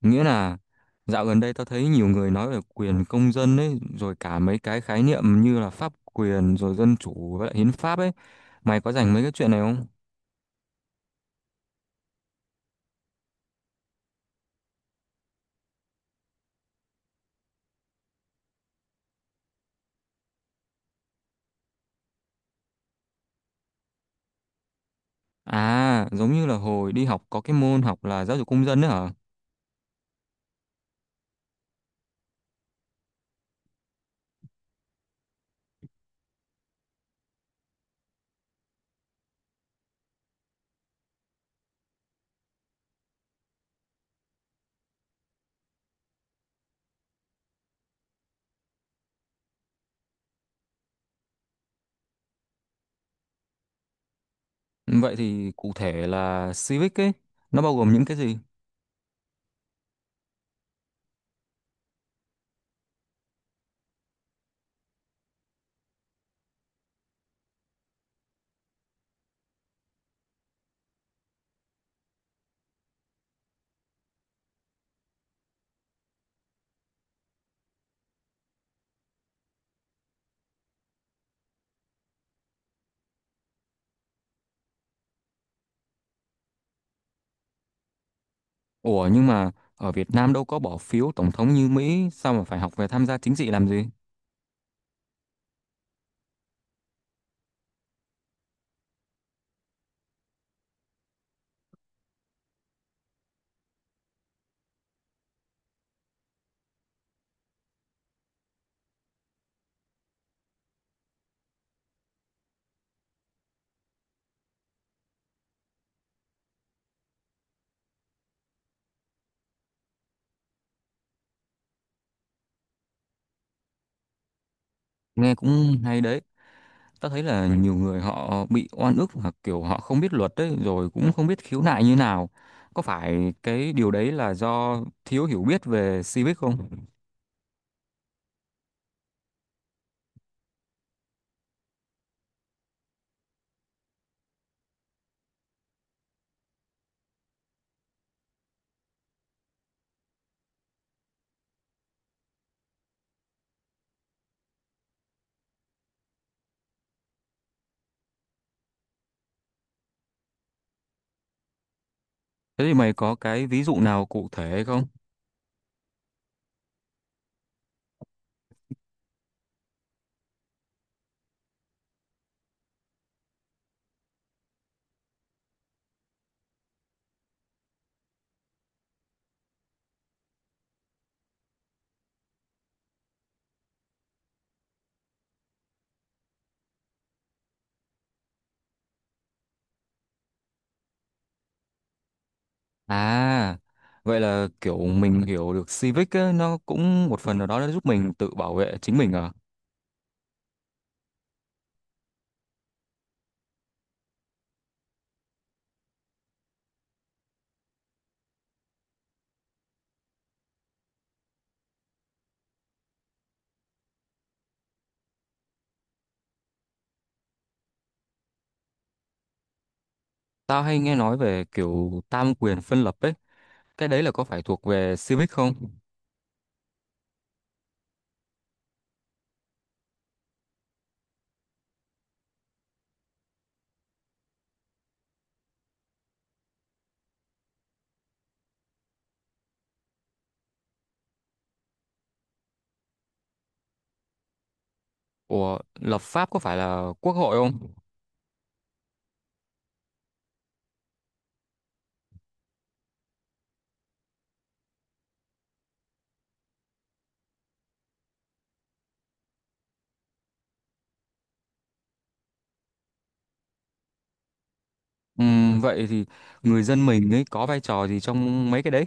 Nghĩa là dạo gần đây tao thấy nhiều người nói về quyền công dân ấy, rồi cả mấy cái khái niệm như là pháp quyền, rồi dân chủ với lại hiến pháp ấy. Mày có rành mấy cái chuyện này không? À, giống như là hồi đi học có cái môn học là giáo dục công dân đấy hả? Vậy thì cụ thể là civic ấy, nó bao gồm những cái gì? Ủa nhưng mà ở Việt Nam đâu có bỏ phiếu tổng thống như Mỹ, sao mà phải học về tham gia chính trị làm gì? Nghe cũng hay đấy. Ta thấy là nhiều người họ bị oan ức và kiểu họ không biết luật đấy, rồi cũng không biết khiếu nại như nào. Có phải cái điều đấy là do thiếu hiểu biết về civic không? Thế thì mày có cái ví dụ nào cụ thể không? À, vậy là kiểu mình hiểu được civic ấy, nó cũng một phần nào đó nó giúp mình tự bảo vệ chính mình à? Tao hay nghe nói về kiểu tam quyền phân lập ấy, cái đấy là có phải thuộc về civic không? Ủa, lập pháp có phải là quốc hội không? Vậy thì người dân mình ấy có vai trò gì trong mấy cái đấy?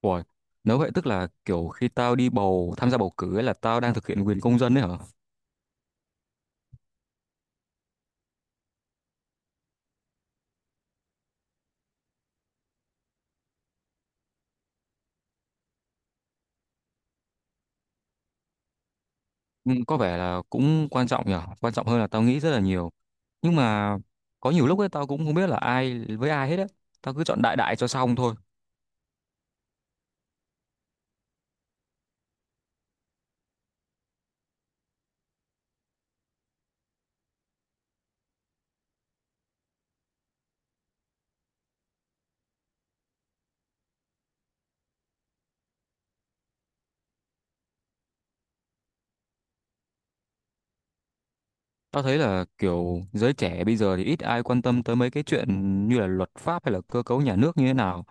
Ủa, nếu vậy tức là kiểu khi tao đi bầu tham gia bầu cử ấy là tao đang thực hiện quyền công dân đấy hả? Có vẻ là cũng quan trọng nhở, quan trọng hơn là tao nghĩ rất là nhiều. Nhưng mà có nhiều lúc ấy tao cũng không biết là ai với ai hết á. Tao cứ chọn đại đại cho xong thôi. Tao thấy là kiểu giới trẻ bây giờ thì ít ai quan tâm tới mấy cái chuyện như là luật pháp hay là cơ cấu nhà nước như thế nào.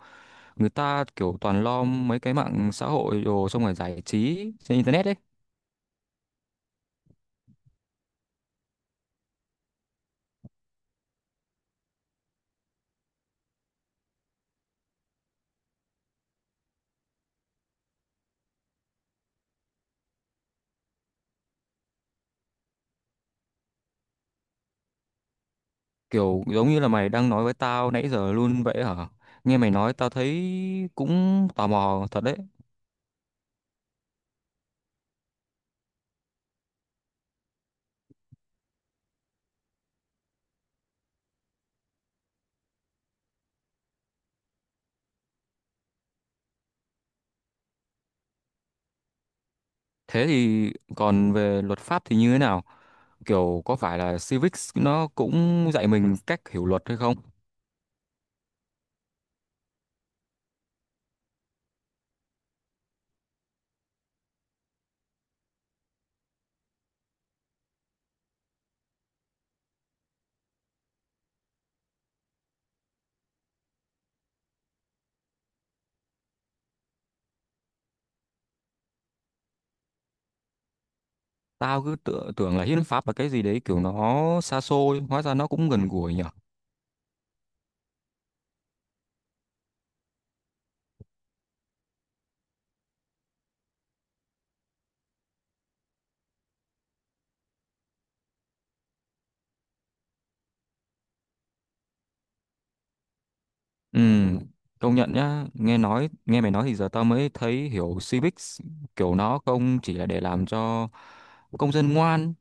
Người ta kiểu toàn lo mấy cái mạng xã hội đồ xong rồi giải trí trên internet ấy. Kiểu giống như là mày đang nói với tao nãy giờ luôn vậy hả? Nghe mày nói tao thấy cũng tò mò thật đấy. Thế thì còn về luật pháp thì như thế nào? Kiểu có phải là civics nó cũng dạy mình cách hiểu luật hay không? Tưởng là hiến pháp là cái gì đấy kiểu nó xa xôi, hóa ra nó cũng gần gũi nhỉ. Ừ, công nhận nhá, nghe mày nói thì giờ tao mới thấy hiểu civics kiểu nó không chỉ là để làm cho công dân ngoan,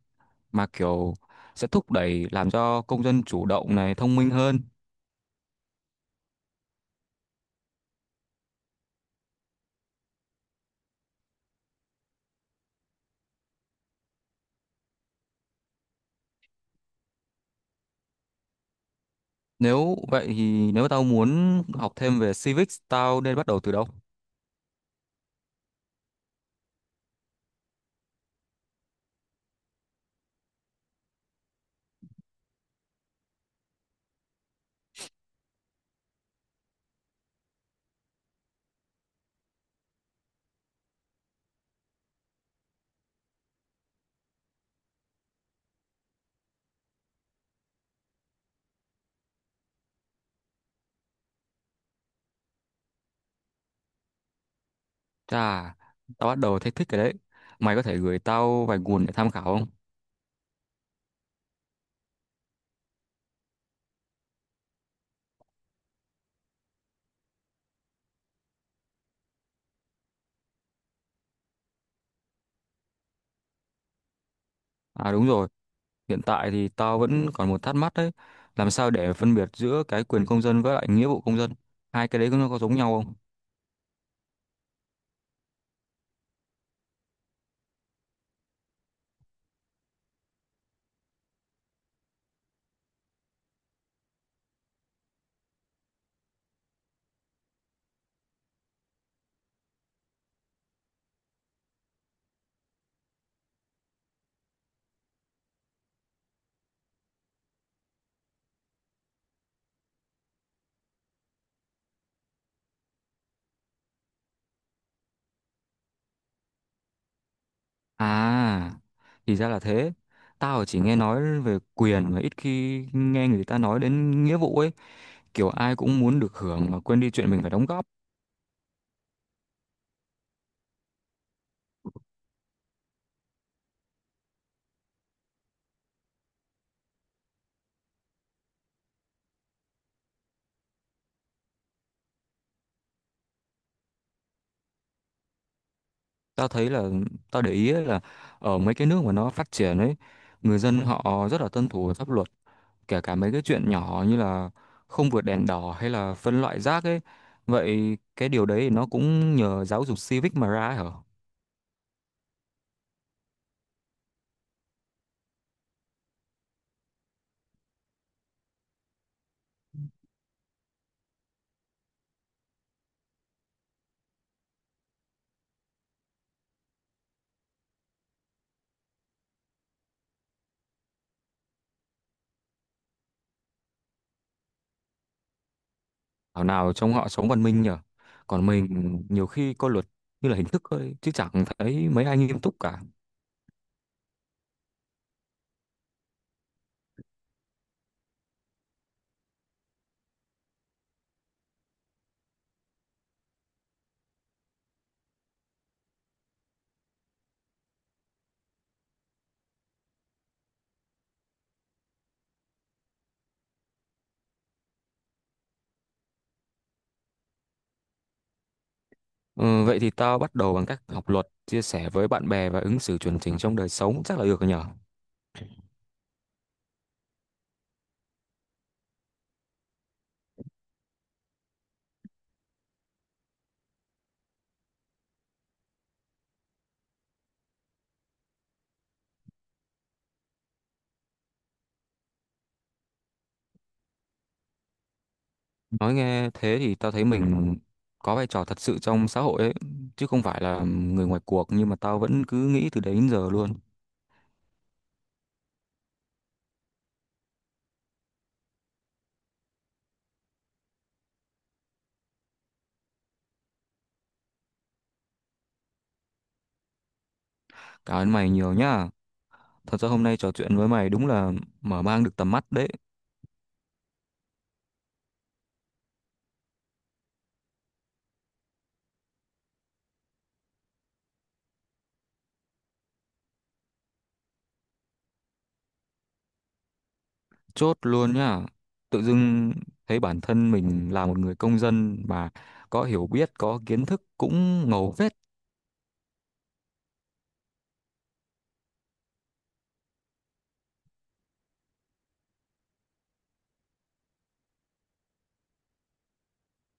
mà kiểu sẽ thúc đẩy làm cho công dân chủ động này thông minh hơn. Nếu vậy thì nếu tao muốn học thêm về civics, tao nên bắt đầu từ đâu? Chà, tao bắt đầu thấy thích cái đấy. Mày có thể gửi tao vài nguồn để tham khảo không? À đúng rồi, hiện tại thì tao vẫn còn một thắc mắc đấy. Làm sao để phân biệt giữa cái quyền công dân với lại nghĩa vụ công dân? Hai cái đấy nó có giống nhau không? À, thì ra là thế. Tao chỉ nghe nói về quyền mà ít khi nghe người ta nói đến nghĩa vụ ấy. Kiểu ai cũng muốn được hưởng mà quên đi chuyện mình phải đóng góp. Tao thấy là, tao để ý ấy là ở mấy cái nước mà nó phát triển ấy, người dân họ rất là tuân thủ pháp luật, kể cả mấy cái chuyện nhỏ như là không vượt đèn đỏ hay là phân loại rác ấy. Vậy cái điều đấy nó cũng nhờ giáo dục civic mà ra ấy hả? Thảo nào trong họ sống văn minh nhở. Còn mình nhiều khi coi luật như là hình thức thôi chứ chẳng thấy mấy ai nghiêm túc cả. Ừ, vậy thì tao bắt đầu bằng cách học luật, chia sẻ với bạn bè và ứng xử chuẩn chỉnh trong đời sống chắc là được rồi nhở? Nói nghe thế thì tao thấy mình có vai trò thật sự trong xã hội ấy, chứ không phải là người ngoài cuộc, nhưng mà tao vẫn cứ nghĩ từ đấy đến giờ luôn. Cảm ơn mày nhiều nhá. Thật ra hôm nay trò chuyện với mày đúng là mở mang được tầm mắt đấy. Chốt luôn nhá. Tự dưng thấy bản thân mình là một người công dân mà có hiểu biết, có kiến thức cũng ngầu phết.